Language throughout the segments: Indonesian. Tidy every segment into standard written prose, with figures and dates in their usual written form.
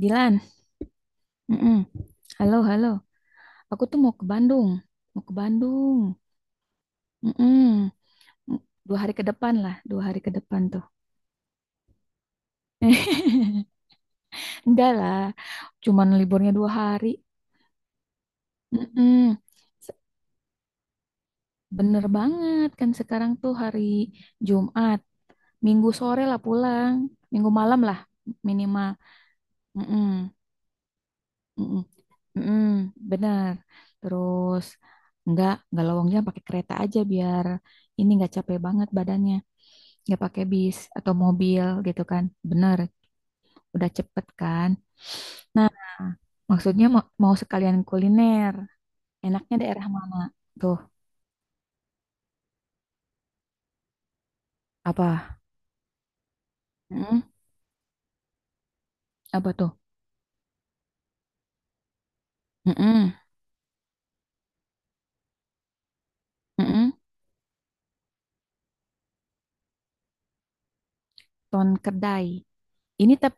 Dilan, mm-mm. Halo, halo. Aku tuh mau ke Bandung, mau ke Bandung. Mm-mm. Dua hari ke depan lah, dua hari ke depan tuh. Enggak lah, cuman liburnya dua hari. Mm-mm. Se- Bener banget kan sekarang tuh hari Jumat, Minggu sore lah pulang, Minggu malam lah minimal. Mm-mm. Mm-mm. Mm-mm, benar. Terus nggak lowongnya pakai kereta aja biar ini nggak capek banget badannya. Nggak pakai bis atau mobil gitu kan. Benar, udah cepet kan. Nah, maksudnya mau sekalian kuliner. Enaknya daerah mana? Tuh, apa? Mm-mm, apa tuh? Mm-mm, mm-mm, Ton Kedai. Ini tep.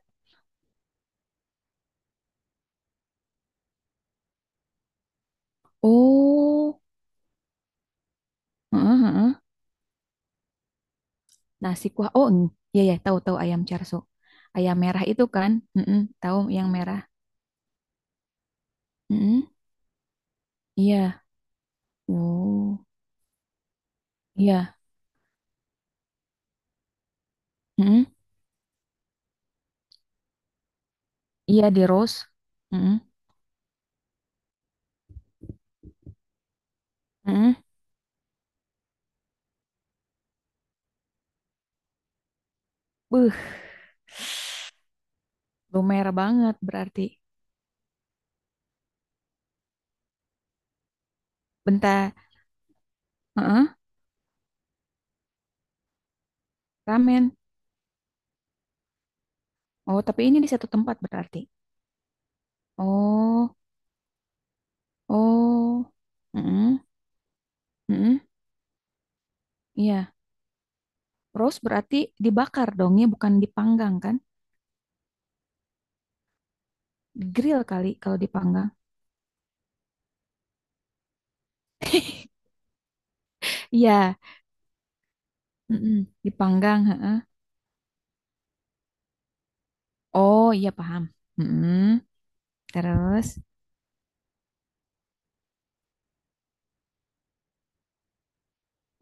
Oh, heeh, heeh. Nasi kuah. Oh, iya ya, tahu-tahu ayam charso. Ayam merah itu kan? Mm-mm, tahu yang merah. Mm-mm, iya. Oh, iya. Mm-mm, iya di roast. Mm-mm, mm-mm. Beuh, lumer banget berarti. Bentar. Heeh, ramen. Oh, tapi ini di satu tempat berarti. Oh, oh. Mm-mm, mm-mm, iya. Roast berarti dibakar dong ya, bukan dipanggang kan? Grill kali kalau dipanggang. Iya, mm-mm, dipanggang. Heeh. Oh iya paham. Mm-mm. Terus,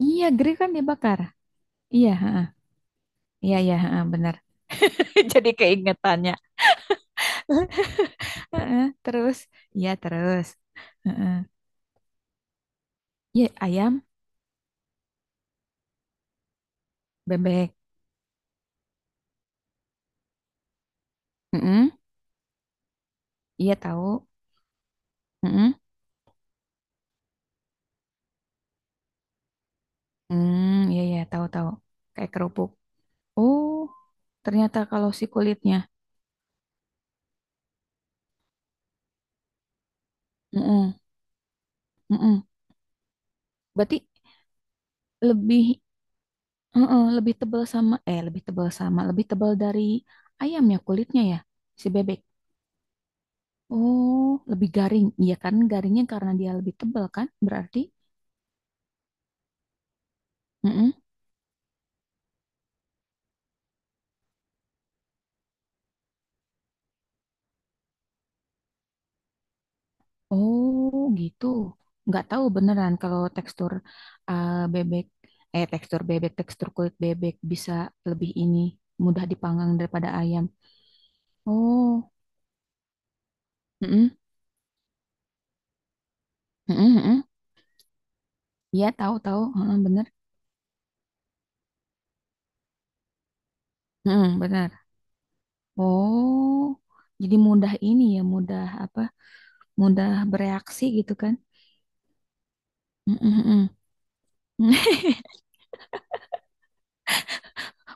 iya grill kan dibakar. Iya, heeh. Iya, iya, heeh, benar. Jadi keingetannya. Heeh, terus, iya terus. Heeh. Iya ayam, bebek. Mm-mm. Iya tahu. Mm-mm. Hmm, iya iya tahu tahu. Kayak kerupuk. Oh, ternyata kalau si kulitnya. Mm-mm. Mm-mm. Berarti lebih, heeh, lebih tebal sama, lebih tebal sama, lebih tebal dari ayamnya kulitnya ya, si bebek. Oh, lebih garing. Iya kan, garingnya karena dia lebih tebal kan, berarti. Mm-mm. Oh, gitu. Nggak tahu beneran kalau tekstur bebek, tekstur bebek, tekstur kulit bebek bisa lebih ini, mudah dipanggang daripada ayam. Oh, mm-mm. Mm-mm, mm-mm. Iya tahu-tahu, heeh, bener. Mm-mm, bener. Oh, jadi mudah ini ya, mudah apa, mudah bereaksi gitu kan. Mm mm-mm.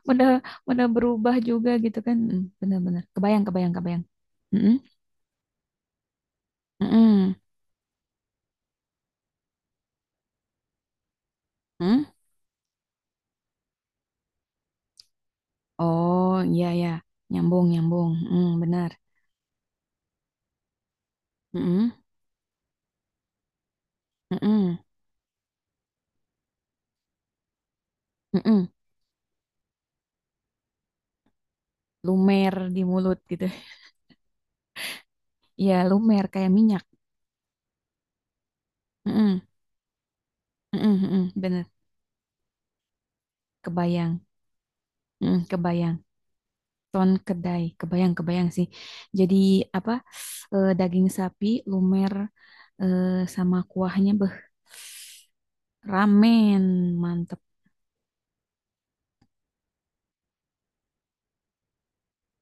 udah udah berubah juga gitu kan. Mm, benar-benar, kebayang kebayang kebayang. Mm-mm, mm-mm, mm. Oh iya ya, nyambung nyambung. Mm, benar. Mm-mm, mm-mm, mm-mm. Lumer di mulut gitu. Iya lumer kayak minyak. Mm-mm, mm-mm, mm-mm, benar, kebayang. Mm, kebayang ton kedai, kebayang kebayang sih. Jadi apa, daging sapi lumer, eh, sama kuahnya, beh, ramen mantep.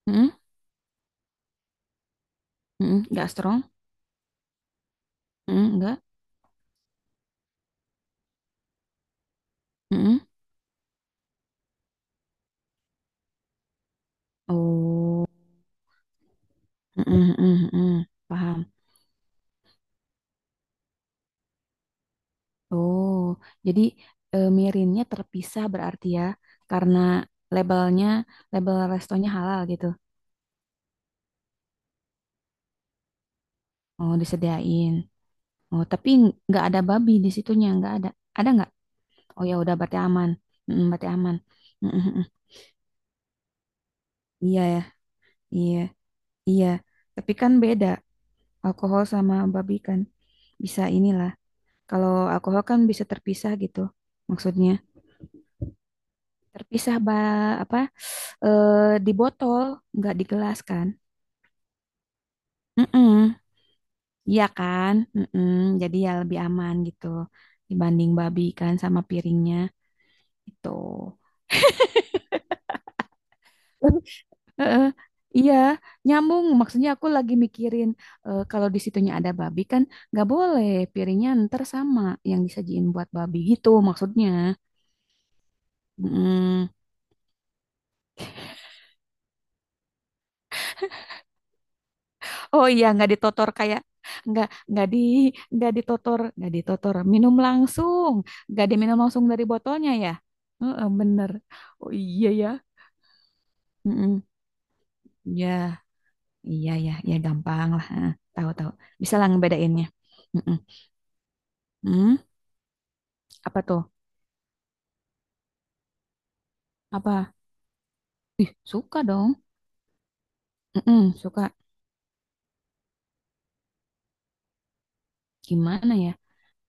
Mm, mhm, nggak strong? Mhm, nggak? Mhm. Oh, mhm, mhm, mhm. Paham. Oh, jadi mirinnya terpisah berarti ya, karena labelnya, label restonya halal gitu. Oh, disediain. Oh, tapi nggak ada babi di situnya, nggak ada. Ada nggak? Oh ya udah, berarti aman. Mhm, berarti aman. Mhm, mhm. Iya ya, iya, iya. Tapi kan beda alkohol sama babi kan. Bisa inilah. Kalau alkohol kan bisa terpisah gitu, maksudnya. Terpisah apa, di botol nggak di gelas kan. Mm-mm. Iya kan. Mm-mm. Jadi ya lebih aman gitu dibanding babi kan sama piringnya itu. Heeh. Iya, nyambung. Maksudnya aku lagi mikirin kalau di situnya ada babi kan nggak boleh piringnya ntar sama yang disajiin buat babi gitu maksudnya. Mm-mm. Oh iya, nggak ditotor kayak nggak nggak ditotor, minum langsung, nggak diminum langsung dari botolnya ya. Heeh, bener. Oh iya ya. Heeh. Ya iya ya ya gampang lah. Heeh, tahu tahu. Bisa lah ngebedainnya. Heeh. Hmm, apa tuh? Apa? Ih suka dong. Heeh, suka. Gimana ya?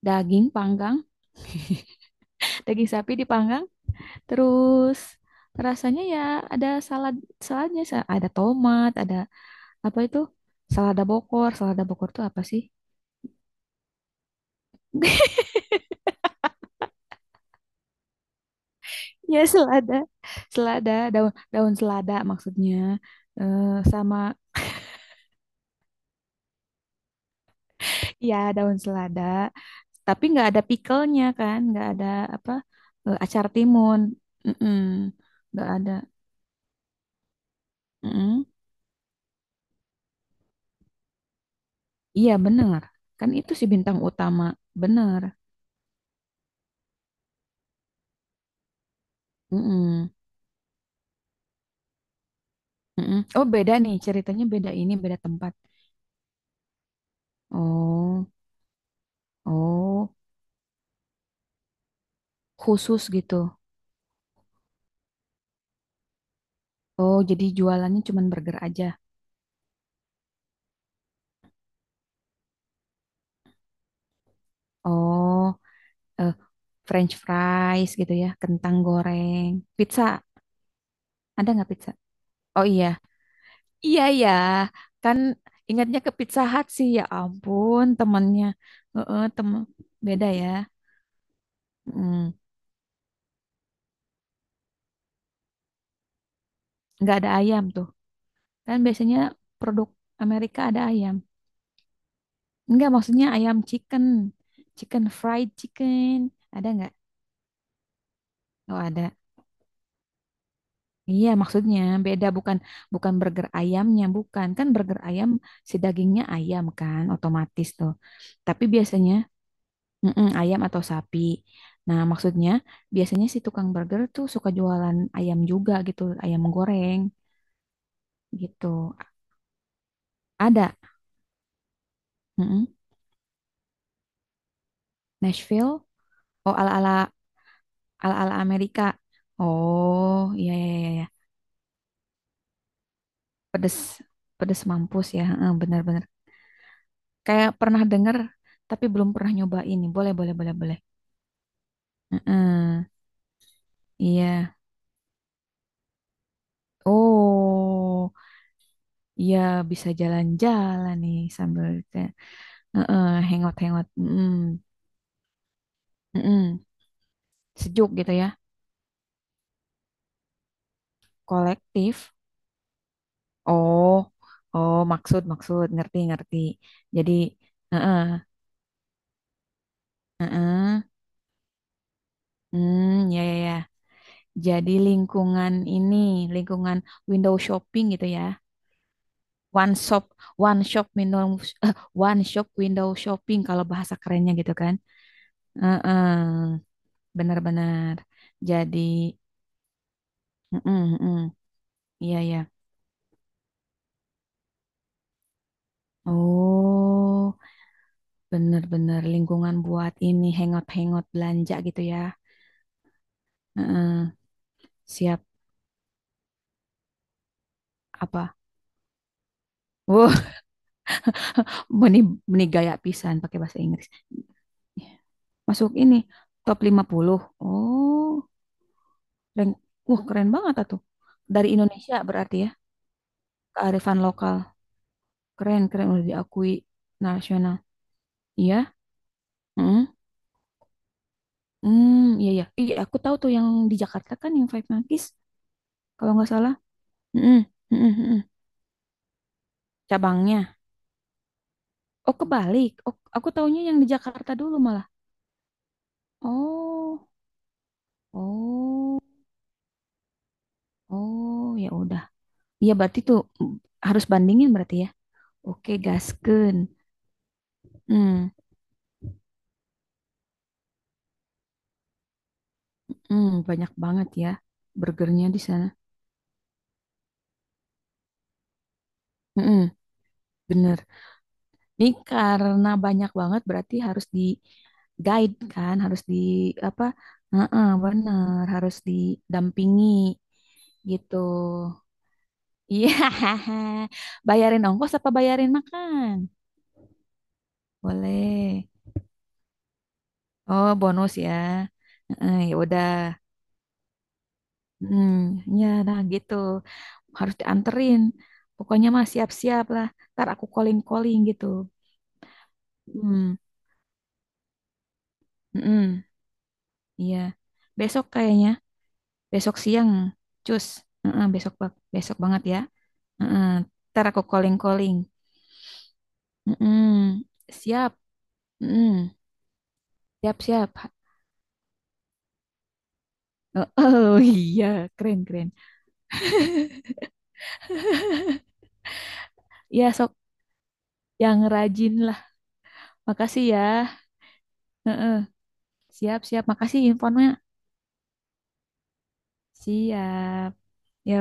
Daging panggang, daging sapi dipanggang, terus rasanya ya ada salad, saladnya, ada tomat, ada apa itu, selada Bokor, selada Bokor tuh apa sih? Ya, selada. Selada, daun daun selada maksudnya, eh, sama ya daun selada, tapi nggak ada pickle-nya kan, nggak ada apa, acar timun. Mm-mm. Nggak ada. Mm-mm. Iya bener, kan itu si bintang utama, bener. Mm-mm. Mm-mm. Oh beda nih ceritanya, beda ini, beda tempat. Oh, oh khusus gitu. Oh jadi jualannya cuman burger aja. Oh, eh, French fries gitu ya, kentang goreng, pizza. Ada nggak pizza? Oh iya, iya iya, kan ingatnya ke Pizza Hut sih ya ampun temennya. Heeh, temen beda ya. Mm, nggak ada ayam tuh, kan biasanya produk Amerika ada ayam. Nggak maksudnya ayam chicken, chicken fried chicken, ada nggak? Oh ada. Iya, maksudnya beda, bukan bukan burger ayamnya, bukan. Kan burger ayam si dagingnya ayam kan otomatis tuh. Tapi biasanya mm-mm, ayam atau sapi. Nah, maksudnya biasanya si tukang burger tuh suka jualan ayam juga gitu, ayam goreng gitu. Ada. Mm-mm. Nashville. Oh, ala-ala, ala-ala Amerika. Oh, iya iya iya iya. Pedes, pedes mampus ya. Heeh, benar bener. Kayak pernah denger tapi belum pernah nyobain nih. Boleh, boleh, boleh, boleh. Heeh, iya. Oh, iya bisa jalan-jalan nih sambil kayak, heeh, hangout-hangout. Heeh, heeh. Sejuk gitu ya, kolektif. Oh, oh maksud maksud ngerti ngerti. Jadi, heeh, heeh. Hmm, ya ya ya. Jadi lingkungan ini, lingkungan window shopping gitu ya. One shop, one shop window, eh, one shop window shopping kalau bahasa kerennya gitu kan. Heeh. Benar-benar. Jadi, mm-mm, mm-mm. Iya ya. Oh, benar-benar lingkungan buat ini hangout-hangout belanja gitu ya. Heeh. Siap apa? Wah, benih benih gaya pisan pakai bahasa Inggris. Masuk ini top 50. Oh, keren. Wah, keren banget ah tuh. Dari Indonesia berarti ya. Kearifan lokal. Keren, keren udah diakui nasional. Iya. Heeh. Hmm, iya ya. Iya, aku tahu tuh yang di Jakarta kan yang Five Monkeys kalau nggak salah. Mm-mm, mm-mm, mm-mm. Cabangnya. Oh, kebalik. Oh, aku taunya yang di Jakarta dulu malah. Oh, oh, oh, ya udah. Iya berarti tuh mm, harus bandingin berarti ya. Oke, gaskeun. Hmm, hmm, banyak banget ya burgernya di sana. Mm-mm, bener. Ini karena banyak banget berarti harus di guide kan, harus di apa? Heeh, bener, harus didampingi gitu. Iya. Bayarin ongkos apa bayarin makan? Boleh. Oh, bonus ya. Heeh, ya udah. Hmm, ya nah gitu. Harus dianterin. Pokoknya mah siap-siap lah. Ntar aku calling-calling gitu. Hmm, mm-mm. Iya. Besok kayaknya. Besok siang, cus. Heeh, besok besok banget ya. Heeh, ntar aku calling-calling. Heeh, siap. Heeh, siap-siap. Oh, oh, iya, keren-keren. Ya, sok yang rajin lah. Makasih ya. Heeh, siap-siap. Makasih infonya. Siap. Yo.